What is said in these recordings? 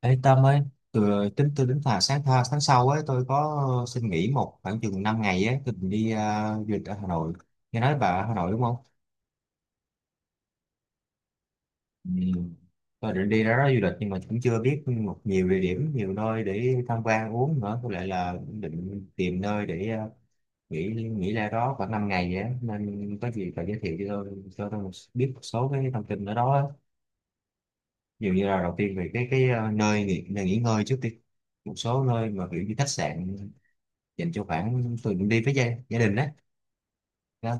Ê Tâm ơi, từ tính tôi đến là tháng sau ấy tôi có xin nghỉ một khoảng chừng 5 ngày ấy, tôi định đi du lịch ở Hà Nội. Nghe nói bà ở Hà Nội đúng không? Ừ. Tôi định đi đó du lịch nhưng mà cũng chưa biết nhiều địa điểm, nhiều nơi để tham quan uống nữa. Có lẽ là định tìm nơi để nghỉ nghỉ ra đó khoảng 5 ngày ấy. Nên có gì bà giới thiệu cho tôi biết một số cái thông tin ở đó. Á. Dường như là đầu tiên về cái nơi nghỉ ngơi trước đi một số nơi mà kiểu như khách sạn dành cho khoảng tôi cũng đi với gia đình á đó.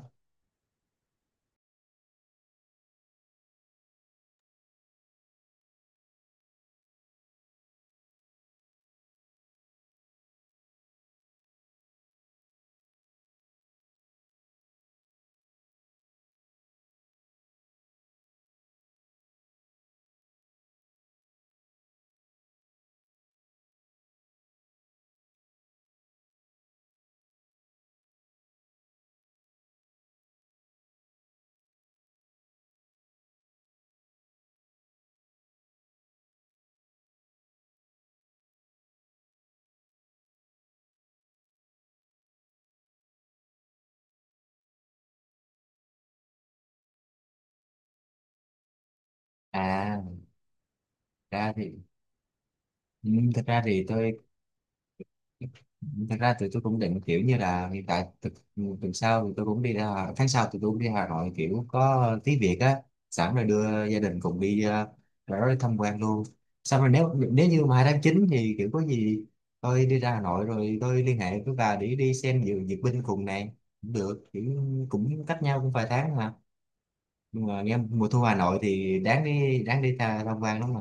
à thật ra thì ừ, thật ra thì tôi Thật ra thì tôi cũng định kiểu như là hiện tại tuần tuần sau thì tôi cũng đi ra tháng sau thì tôi cũng đi Hà Nội kiểu có tí việc á sẵn rồi đưa gia đình cùng đi ra đó đi tham quan luôn. Xong rồi nếu nếu như mà tháng 9 thì kiểu có gì tôi đi ra Hà Nội rồi tôi liên hệ với bà để đi xem duyệt binh cùng này cũng được kiểu cũng cách nhau cũng vài tháng mà. Nhưng mà nghe mùa thu Hà Nội thì đáng đi tham quan lắm mà.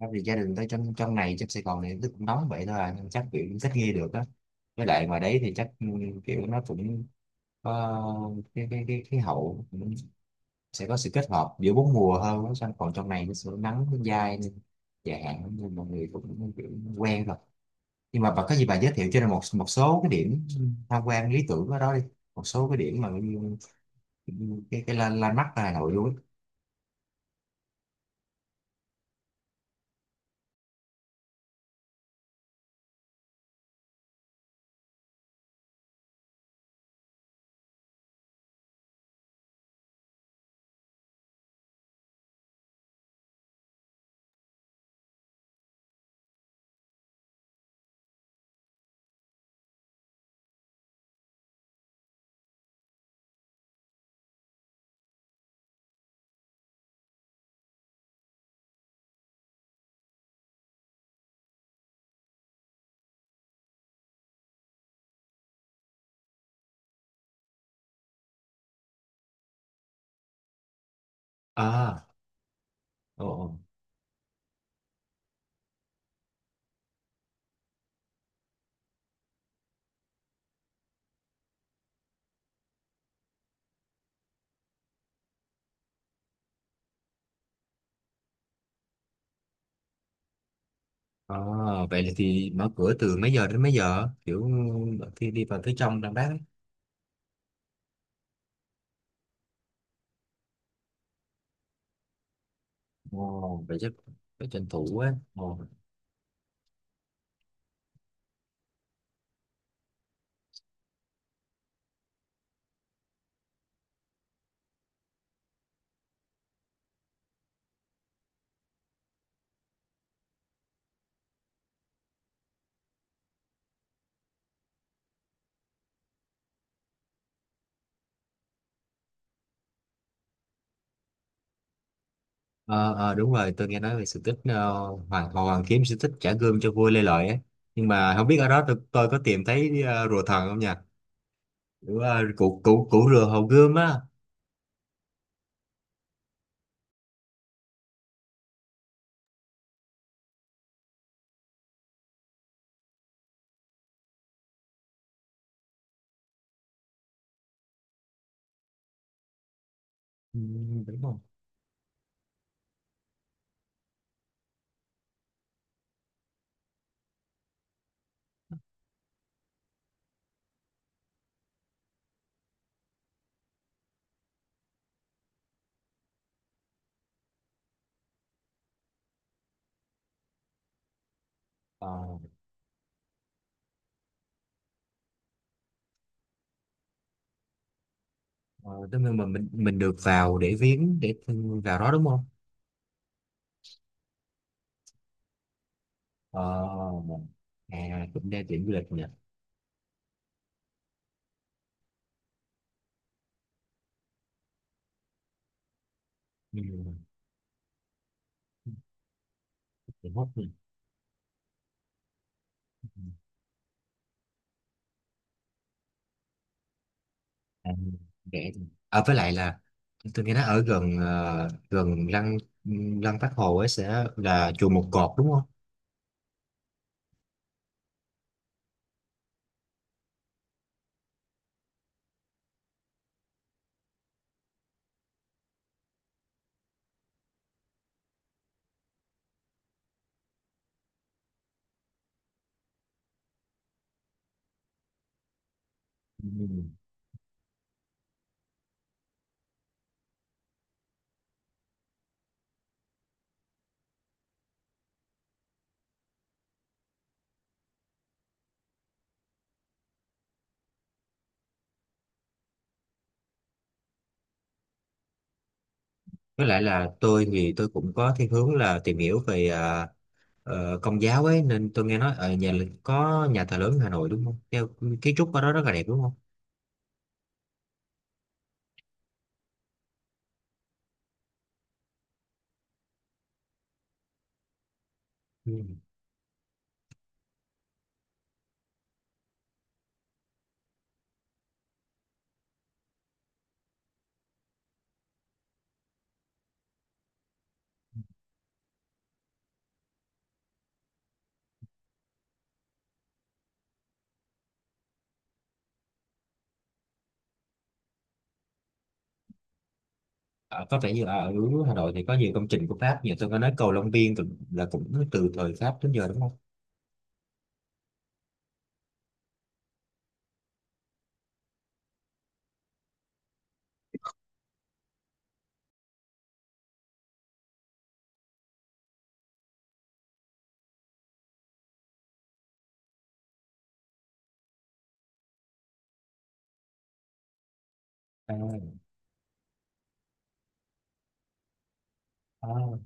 Không vì gia đình tôi trong trong này trong Sài Gòn này nó cũng nóng vậy thôi à, nên chắc kiểu cũng thích nghi được á. Với lại ngoài đấy thì chắc kiểu nó cũng có cái khí hậu cũng sẽ có sự kết hợp giữa bốn mùa hơn á. Xong còn trong này nó sẽ nắng nó dai nên dài hạn nên mọi người cũng kiểu quen rồi. Nhưng mà bà có gì bà giới thiệu cho nên một một số cái điểm tham quan lý tưởng ở đó đi, một số cái điểm mà cái landmark ở Hà Nội luôn á. À, ồ, ồ. À, vậy là thì mở cửa từ mấy giờ đến mấy giờ? Kiểu khi đi vào phía trong Đà Bắc ấy. Ồ, vậy chắc phải tranh thủ á. Ồ. Ờ, ờ, đúng rồi, tôi nghe nói về sự tích Hồ Hoàng Kiếm, sự tích trả gươm cho vua Lê Lợi ấy. Nhưng mà không biết ở đó tôi có tìm thấy rùa thần không nha? Kiểu, cụ cụ cụ rùa hầu gươm á. Ừ, đúng không? Ờ, ờ, tức là mà mình được vào để viếng, để vào đó đúng không? Ờ, à, cũng đa điểm du lịch nhỉ. Ừ, điểm hot nhỉ. À, rẻ với lại là tôi nghe nói ở gần gần lăng lăng Bác Hồ ấy sẽ là chùa Một Cột đúng không? Ừ. Với lại là tôi thì tôi cũng có thiên hướng là tìm hiểu về công giáo ấy nên tôi nghe nói ở có nhà thờ lớn Hà Nội đúng không? Theo kiến trúc ở đó rất là đẹp đúng không? Ừ. Ờ, có vẻ như ở Hà Nội thì có nhiều công trình của Pháp, như tôi có nói cầu Long Biên là cũng từ thời Pháp đến giờ đúng không? À, à.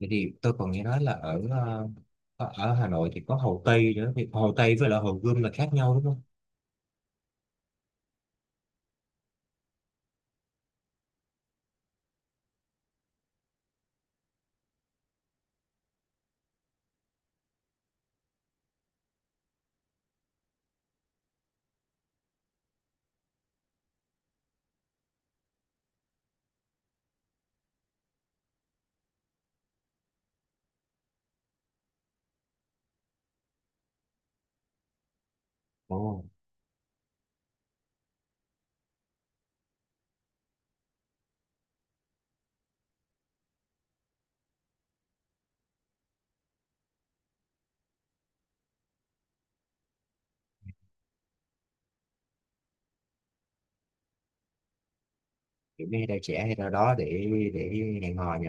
Vậy thì tôi còn nghe nói là ở ờ, ở ở Hà Nội thì có Hồ Tây nữa, thì Hồ Tây với lại Hồ Gươm là khác nhau đúng không? Ồ, kiểu như đây trẻ hay ra đó để hẹn hò nhỉ.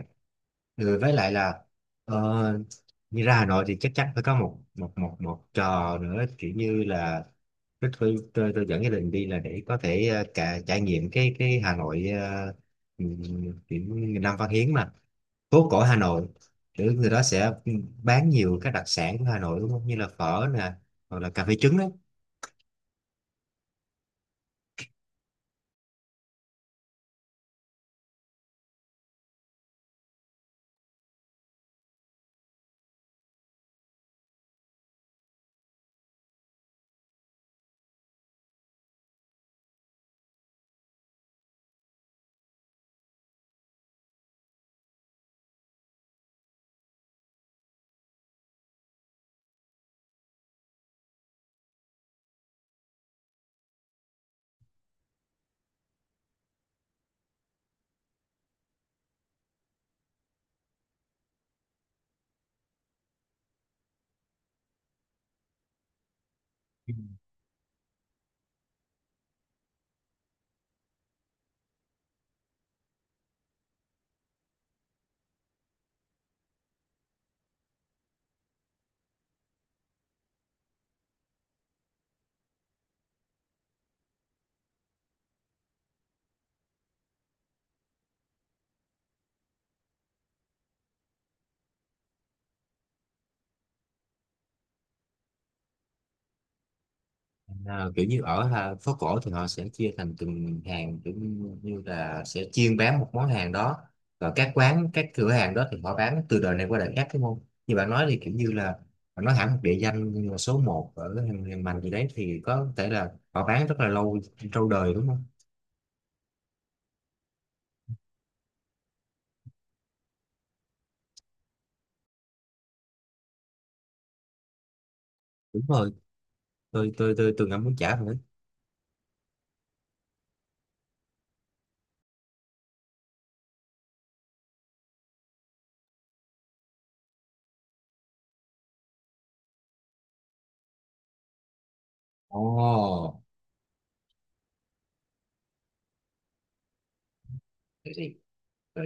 Ừ, với lại là ờ, như ra Hà Nội thì chắc chắn phải có một một một một trò nữa, kiểu như là tôi dẫn gia đình đi là để có thể cả trải nghiệm cái Hà Nội, uh, kiểu như Nam Văn Hiến mà, phố cổ Hà Nội, kiểu người đó sẽ bán nhiều các đặc sản của Hà Nội đúng không, như là phở nè hoặc là cà phê trứng đấy. Ừ. À, kiểu như ở phố cổ thì họ sẽ chia thành từng hàng, kiểu như như là sẽ chuyên bán một món hàng đó, và các quán các cửa hàng đó thì họ bán từ đời này qua đời khác đúng không? Như bạn nói thì kiểu như là họ nói hẳn một địa danh như là số 1 ở hàng hàng Mành gì đấy thì có thể là họ bán rất là lâu, lâu đời đúng không? Đúng rồi, tôi từng ăn bún chả rồi đấy. Ồ,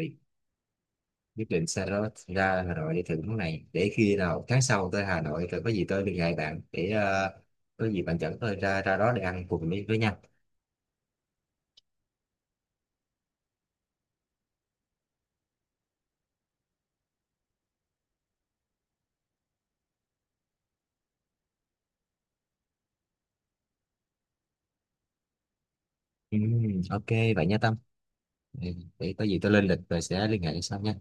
quyết định xa đó ra Hà Nội để thử món này, để khi nào tháng sau tới Hà Nội rồi có gì tôi liên hệ bạn để, có gì bạn dẫn tôi ra ra đó để ăn cùng với nhau. Ok vậy nha Tâm. Ừ, để có gì tôi lên lịch rồi sẽ liên hệ sau nha.